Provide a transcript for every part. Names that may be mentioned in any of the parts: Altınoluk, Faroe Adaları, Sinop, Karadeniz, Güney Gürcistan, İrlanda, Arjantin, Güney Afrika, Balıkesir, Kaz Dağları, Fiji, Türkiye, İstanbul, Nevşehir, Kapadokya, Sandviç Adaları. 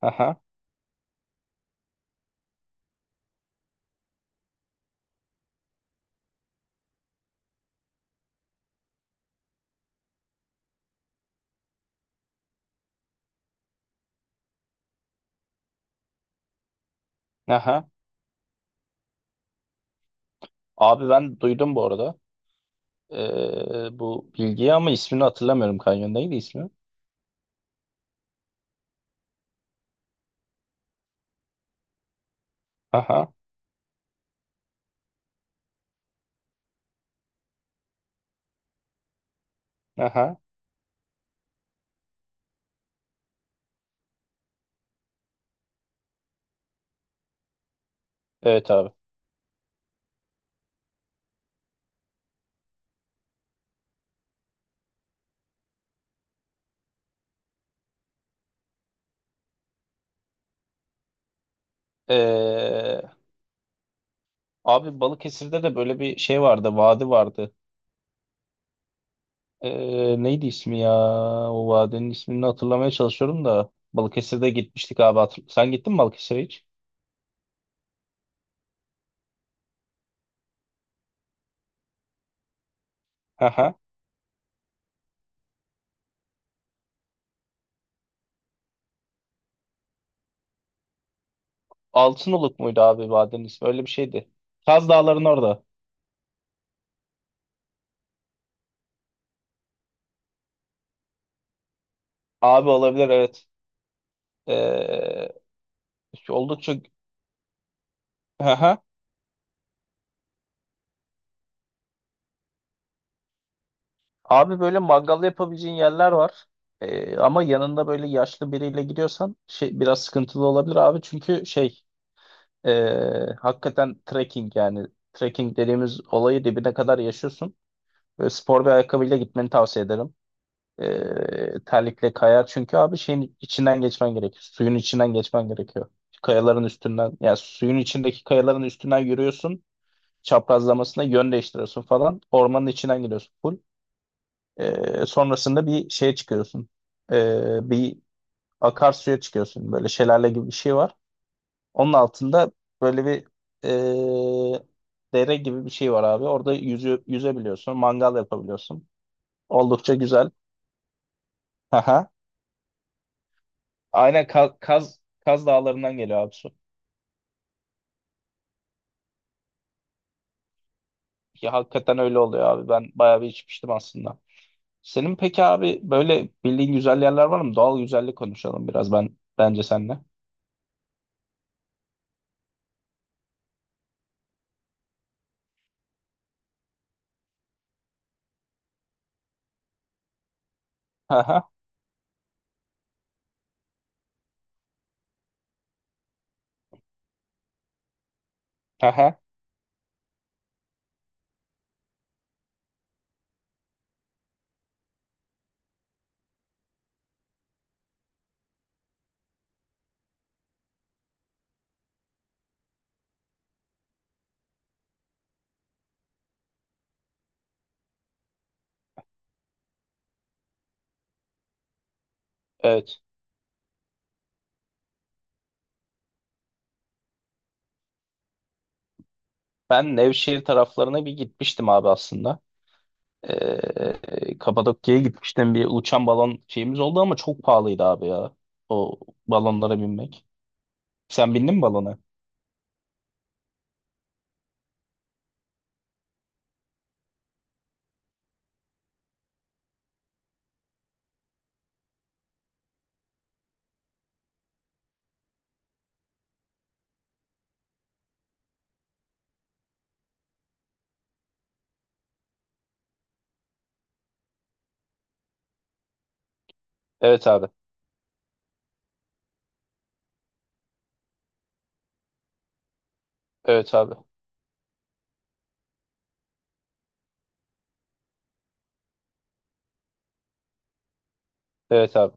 Aha, aha. Abi ben duydum bu arada. Bu bilgiyi ama ismini hatırlamıyorum. Kanyon neydi ismi? Aha, aha. Evet abi. Ee, Abi Balıkesir'de de böyle bir şey vardı. Vadi vardı. Neydi ismi ya? O vadinin ismini hatırlamaya çalışıyorum da. Balıkesir'de gitmiştik abi. Sen gittin mi Balıkesir'e hiç? Aha. Altınoluk muydu abi vadinin ismi? Öyle bir şeydi. Kaz Dağları'nın orada. Abi olabilir evet. Ee, Oldukça... Aha. Abi böyle mangal yapabileceğin yerler var. Ama yanında böyle yaşlı biriyle gidiyorsan şey biraz sıkıntılı olabilir abi. Çünkü şey hakikaten trekking yani trekking dediğimiz olayı dibine kadar yaşıyorsun. Böyle spor bir ayakkabıyla gitmeni tavsiye ederim. Terlikle kayar çünkü abi şeyin içinden geçmen gerekiyor. Suyun içinden geçmen gerekiyor. Kayaların üstünden yani suyun içindeki kayaların üstünden yürüyorsun. Çaprazlamasına yön değiştiriyorsun falan. Ormanın içinden gidiyorsun. Full sonrasında bir şeye çıkıyorsun. Bir akarsuya çıkıyorsun. Böyle şelale gibi bir şey var. Onun altında böyle bir ee, dere gibi bir şey var abi. Orada yüzebiliyorsun. Mangal yapabiliyorsun. Oldukça güzel. Aha. Aynen Kaz Dağları'ndan geliyor abi su. Ya hakikaten öyle oluyor abi. Ben bayağı bir içmiştim aslında. Senin peki abi böyle bildiğin güzel yerler var mı? Doğal güzellik konuşalım biraz ben bence seninle. Aha, aha, evet. Ben Nevşehir taraflarına bir gitmiştim abi aslında. Kapadokya'ya gitmiştim. Bir uçan balon şeyimiz oldu ama çok pahalıydı abi ya. O balonlara binmek. Sen bindin mi balona? Evet abi. Evet abi. Evet abi.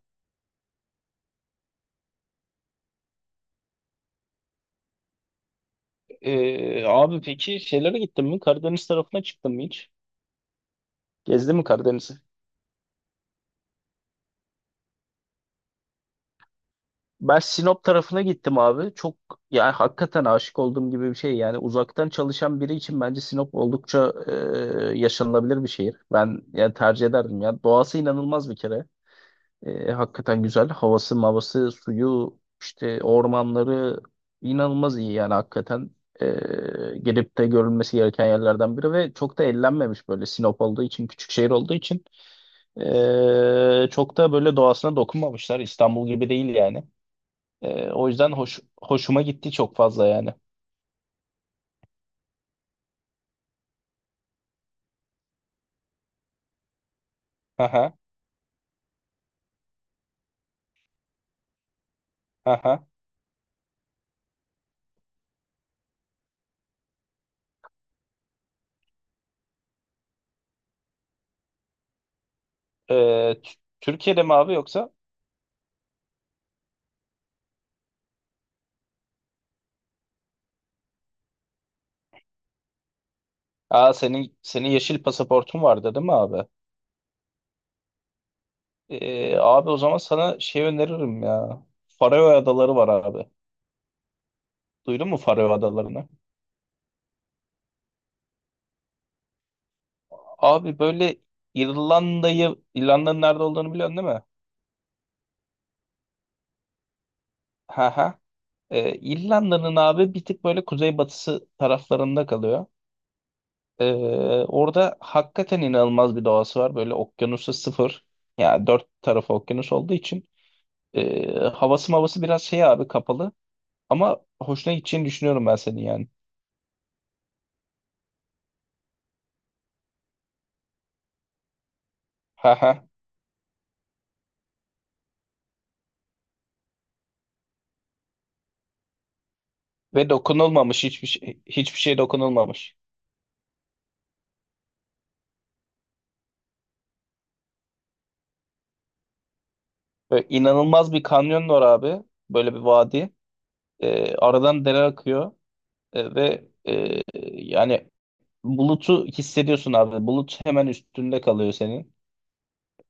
Abi peki şeylere gittin mi? Karadeniz tarafına çıktın mı hiç? Gezdin mi Karadeniz? Ben Sinop tarafına gittim abi. Çok yani hakikaten aşık olduğum gibi bir şey. Yani uzaktan çalışan biri için bence Sinop oldukça yaşanılabilir bir şehir. Ben yani tercih ederdim ya. Doğası inanılmaz bir kere. E, hakikaten güzel. Havası, mavası, suyu, işte ormanları inanılmaz iyi yani hakikaten. E, gelip de görülmesi gereken yerlerden biri ve çok da ellenmemiş böyle Sinop olduğu için, küçük şehir olduğu için. E, çok da böyle doğasına dokunmamışlar. İstanbul gibi değil yani. O yüzden hoşuma gitti çok fazla yani. Aha, aha. Ee, T- Türkiye'de mi abi yoksa? Aa senin yeşil pasaportun vardı değil mi abi? Abi o zaman sana şey öneririm ya. Faroe Adaları var abi. Duydun mu Faroe Adalarını? Abi böyle İrlanda'nın nerede olduğunu biliyorsun değil mi? Ha ha. İrlanda'nın abi bir tık böyle kuzeybatısı taraflarında kalıyor. Ee, Orada hakikaten inanılmaz bir doğası var. Böyle okyanusu sıfır. Yani dört tarafı okyanus olduğu için havası mavası biraz şey abi kapalı. Ama hoşuna gideceğini düşünüyorum ben senin yani. Haha. Ve dokunulmamış hiçbir şey, hiçbir şey dokunulmamış. Böyle inanılmaz bir kanyon var abi. Böyle bir vadi. Aradan dere akıyor. Ve yani bulutu hissediyorsun abi. Bulut hemen üstünde kalıyor senin.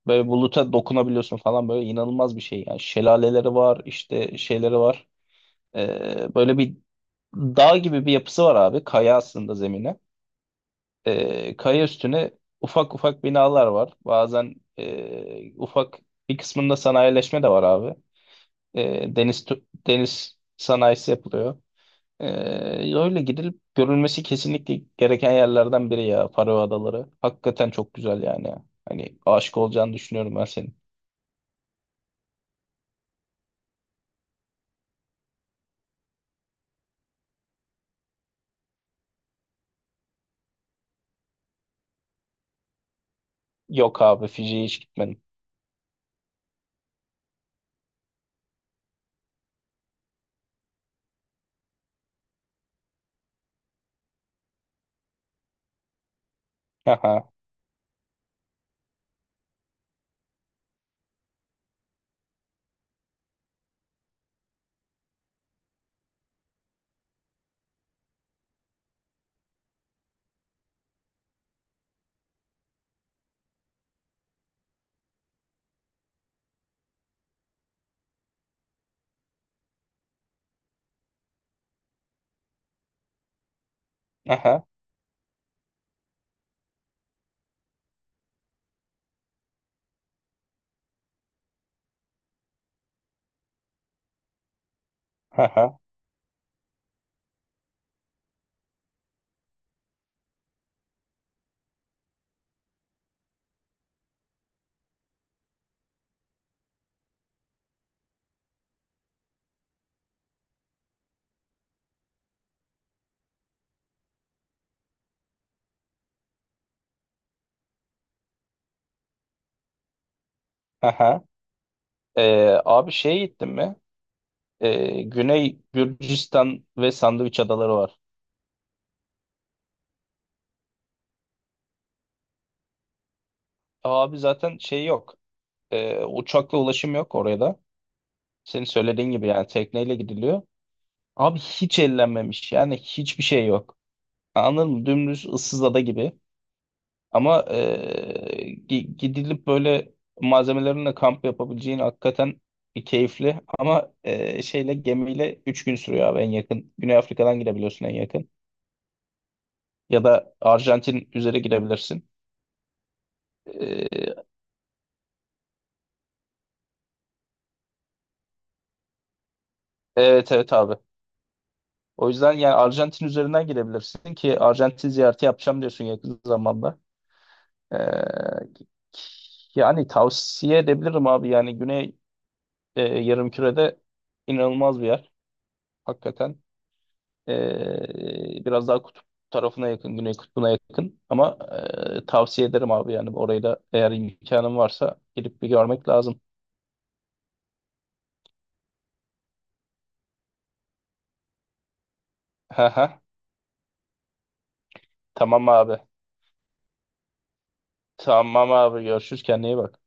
Böyle buluta dokunabiliyorsun falan böyle inanılmaz bir şey. Yani şelaleleri var işte şeyleri var. Böyle bir dağ gibi bir yapısı var abi. Kaya aslında zemine. Kaya üstüne ufak ufak binalar var. Bazen e, ufak bir kısmında sanayileşme de var abi. Deniz sanayisi yapılıyor. Ee, Öyle gidilip görülmesi kesinlikle gereken yerlerden biri ya Faroe Adaları. Hakikaten çok güzel yani. Hani aşık olacağını düşünüyorum ben senin. Yok abi Fiji'ye hiç gitmedim. Aha, aha, aha, aha. Abi şeye gittin mi? Güney Gürcistan ve Sandviç Adaları var. Abi zaten şey yok. Uçakla ulaşım yok oraya da. Senin söylediğin gibi yani tekneyle gidiliyor. Abi hiç ellenmemiş yani hiçbir şey yok. Anladın mı? Dümdüz ıssız ada gibi. Ama gidilip böyle malzemelerinle kamp yapabileceğin hakikaten keyifli. Ama şeyle gemiyle 3 gün sürüyor abi en yakın. Güney Afrika'dan gidebiliyorsun en yakın. Ya da Arjantin üzeri gidebilirsin. Eee, evet evet abi. O yüzden yani Arjantin üzerinden gidebilirsin ki Arjantin ziyareti yapacağım diyorsun yakın zamanda. Eee, Yani tavsiye edebilirim abi. Yani Güney yarımkürede inanılmaz bir yer. Hakikaten. Biraz daha kutup tarafına yakın, güney kutbuna yakın. Ama e, tavsiye ederim abi yani orayı da eğer imkanın varsa gidip bir görmek lazım. Haha, tamam abi. Tamam abi görüşürüz kendine iyi bak.